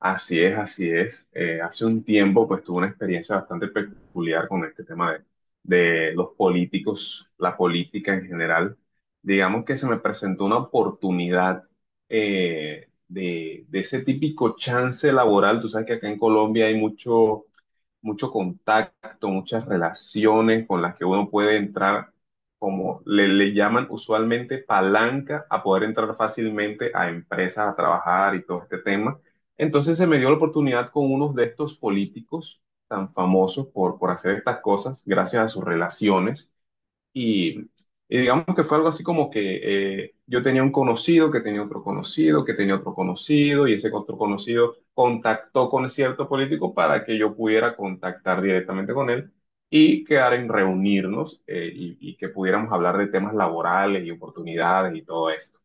Así es, así es. Hace un tiempo, pues tuve una experiencia bastante peculiar con este tema de, de los políticos, la política en general. Digamos que se me presentó una oportunidad de ese típico chance laboral. Tú sabes que acá en Colombia hay mucho contacto, muchas relaciones con las que uno puede entrar, como le llaman usualmente palanca, a poder entrar fácilmente a empresas, a trabajar y todo este tema. Entonces se me dio la oportunidad con unos de estos políticos tan famosos por hacer estas cosas, gracias a sus relaciones. Y, y digamos que fue algo así como que yo tenía un conocido que tenía otro conocido, que tenía otro conocido, y ese otro conocido contactó con cierto político para que yo pudiera contactar directamente con él y quedar en reunirnos y que pudiéramos hablar de temas laborales y oportunidades y todo eso.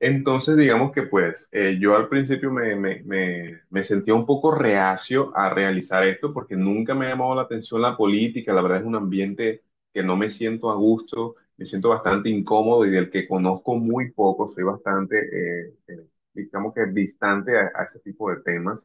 Entonces, digamos que yo al principio me sentía un poco reacio a realizar esto porque nunca me ha llamado la atención la política, la verdad es un ambiente que no me siento a gusto, me siento bastante incómodo y del que conozco muy poco, soy bastante, digamos que distante a ese tipo de temas.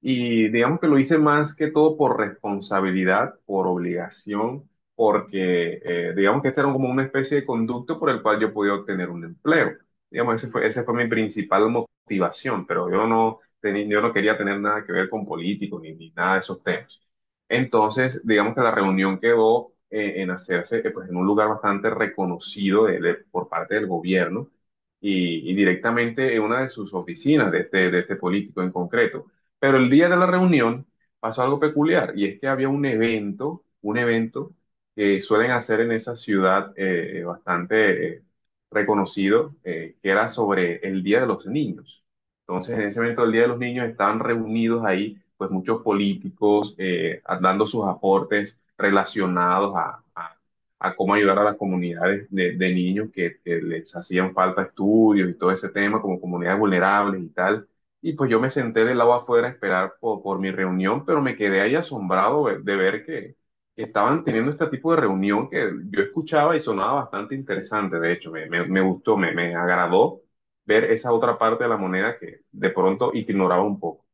Y digamos que lo hice más que todo por responsabilidad, por obligación, porque digamos que este era como una especie de conducto por el cual yo podía obtener un empleo. Digamos, ese fue, esa fue mi principal motivación, pero yo no tenía, yo no quería tener nada que ver con políticos ni nada de esos temas. Entonces, digamos que la reunión quedó en hacerse pues, en un lugar bastante reconocido por parte del gobierno y directamente en una de sus oficinas de de este político en concreto. Pero el día de la reunión pasó algo peculiar y es que había un evento que suelen hacer en esa ciudad , bastante reconocido, que era sobre el Día de los Niños. Entonces, en ese evento del Día de los Niños estaban reunidos ahí, pues muchos políticos dando sus aportes relacionados a cómo ayudar a las comunidades de niños que les hacían falta estudios y todo ese tema, como comunidades vulnerables y tal. Y pues yo me senté del lado afuera a esperar mi reunión, pero me quedé ahí asombrado de ver que estaban teniendo este tipo de reunión que yo escuchaba y sonaba bastante interesante. De hecho, me gustó, me agradó ver esa otra parte de la moneda que de pronto ignoraba un poco.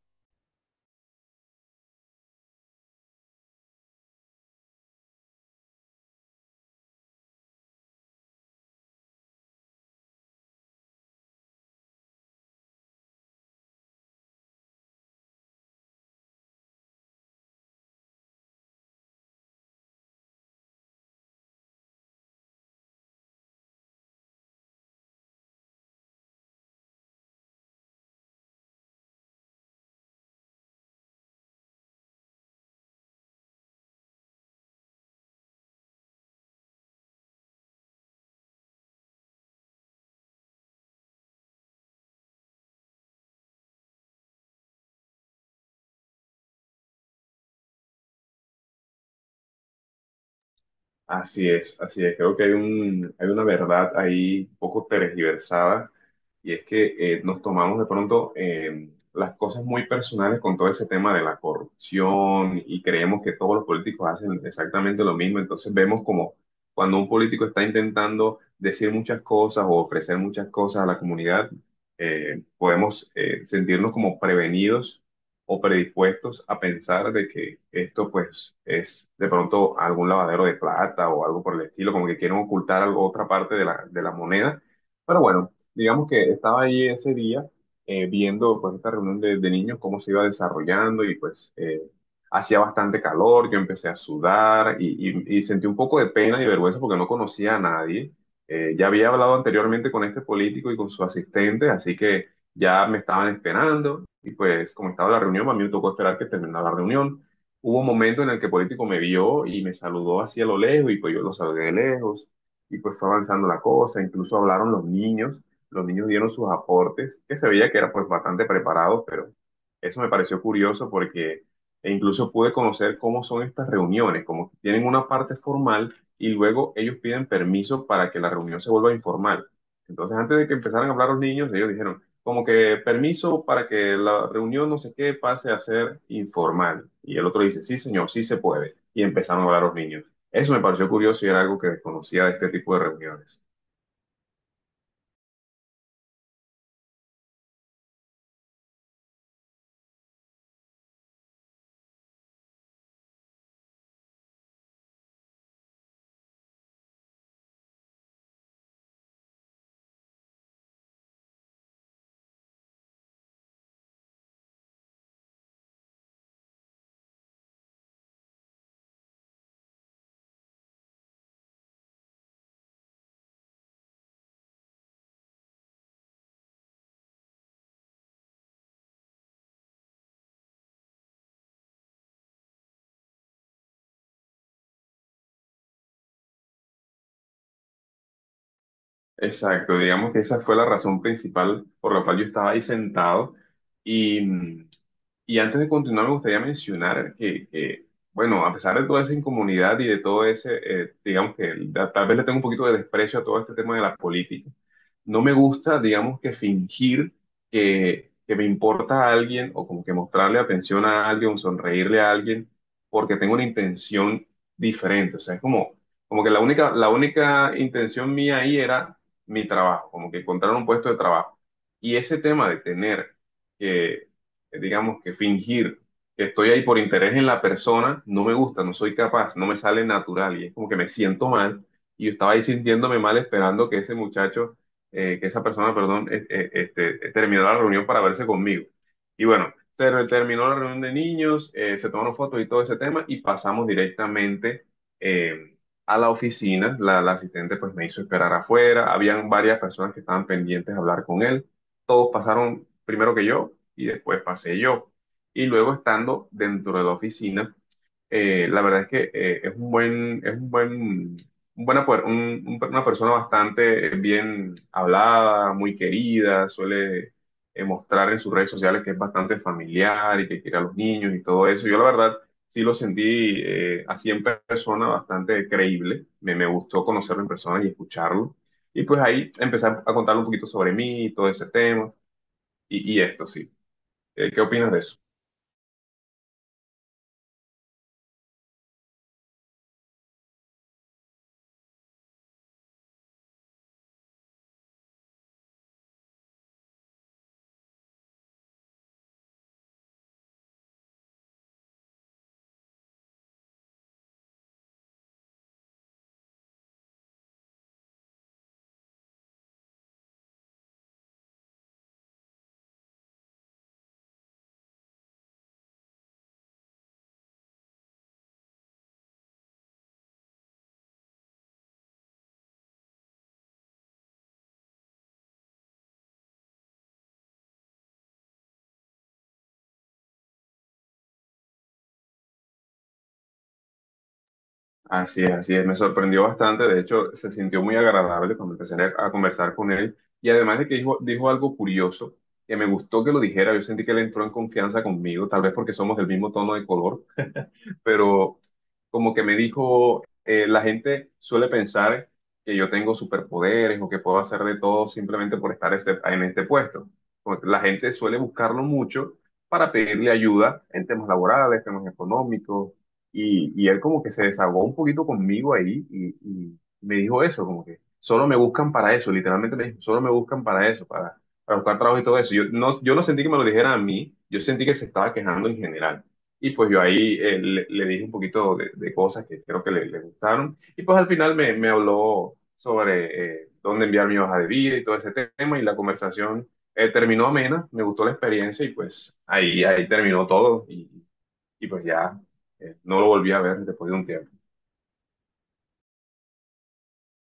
Así es, así es. Creo que hay hay una verdad ahí un poco tergiversada y es que nos tomamos de pronto las cosas muy personales con todo ese tema de la corrupción y creemos que todos los políticos hacen exactamente lo mismo. Entonces vemos como cuando un político está intentando decir muchas cosas o ofrecer muchas cosas a la comunidad, podemos sentirnos como prevenidos o predispuestos a pensar de que esto pues es de pronto algún lavadero de plata o algo por el estilo, como que quieren ocultar otra parte de de la moneda. Pero bueno, digamos que estaba ahí ese día viendo pues esta reunión de niños cómo se iba desarrollando y hacía bastante calor, yo empecé a sudar y sentí un poco de pena y vergüenza porque no conocía a nadie. Ya había hablado anteriormente con este político y con su asistente, así que ya me estaban esperando y pues como estaba la reunión, a mí me tocó esperar que terminara la reunión. Hubo un momento en el que el político me vio y me saludó hacia lo lejos y pues yo lo saludé de lejos y pues fue avanzando la cosa, incluso hablaron los niños dieron sus aportes, que se veía que eran pues bastante preparados, pero eso me pareció curioso porque e incluso pude conocer cómo son estas reuniones, como que tienen una parte formal y luego ellos piden permiso para que la reunión se vuelva informal. Entonces, antes de que empezaran a hablar los niños, ellos dijeron, como que permiso para que la reunión no sé qué pase a ser informal. Y el otro dice, sí, señor, sí se puede. Y empezaron a hablar los niños. Eso me pareció curioso y era algo que desconocía de este tipo de reuniones. Exacto, digamos que esa fue la razón principal por la cual yo estaba ahí sentado. Y, mm, y antes de continuar, me gustaría mencionar que, bueno, a pesar de toda esa incomunidad y de todo ese, digamos que tal vez le tengo un poquito de desprecio a todo este tema de la política, no me gusta, digamos que fingir que me importa a alguien o como que mostrarle atención a alguien o sonreírle a alguien porque tengo una intención diferente. O sea, es como, como que la única intención mía ahí era mi trabajo, como que encontrar un puesto de trabajo. Y ese tema de tener que, digamos, que fingir que estoy ahí por interés en la persona, no me gusta, no soy capaz, no me sale natural y es como que me siento mal. Y yo estaba ahí sintiéndome mal esperando que ese muchacho, que esa persona, perdón, terminara la reunión para verse conmigo. Y bueno, terminó la reunión de niños, se tomaron fotos y todo ese tema y pasamos directamente eh, a la oficina. La la asistente pues me hizo esperar afuera, habían varias personas que estaban pendientes de hablar con él, todos pasaron primero que yo y después pasé yo. Y luego estando dentro de la oficina, la verdad es que es un buen, un buena per- un- una persona bastante bien hablada, muy querida, suele mostrar en sus redes sociales que es bastante familiar y que quiere a los niños y todo eso. Yo la verdad sí lo sentí así en persona bastante creíble, me gustó conocerlo en persona y escucharlo. Y pues ahí empezar a contarle un poquito sobre mí, y todo ese tema y esto, sí. ¿Qué opinas de eso? Así es, me sorprendió bastante, de hecho se sintió muy agradable cuando empecé a conversar con él y además de que dijo algo curioso, que me gustó que lo dijera, yo sentí que él entró en confianza conmigo, tal vez porque somos del mismo tono de color, pero como que me dijo, la gente suele pensar que yo tengo superpoderes o que puedo hacer de todo simplemente por estar en este puesto. Como la gente suele buscarlo mucho para pedirle ayuda en temas laborales, temas económicos, y él como que se desahogó un poquito conmigo ahí y me dijo eso, como que solo me buscan para eso, literalmente me dijo, solo me buscan para eso, para buscar trabajo y todo eso. Yo no, yo no sentí que me lo dijeran a mí, yo sentí que se estaba quejando en general. Y pues yo ahí le dije un poquito de cosas que creo que le gustaron. Y pues al final me habló sobre dónde enviar mi hoja de vida y todo ese tema. Y la conversación terminó amena, me gustó la experiencia y pues ahí, ahí terminó todo. Y pues ya no lo volví a ver después de un tiempo.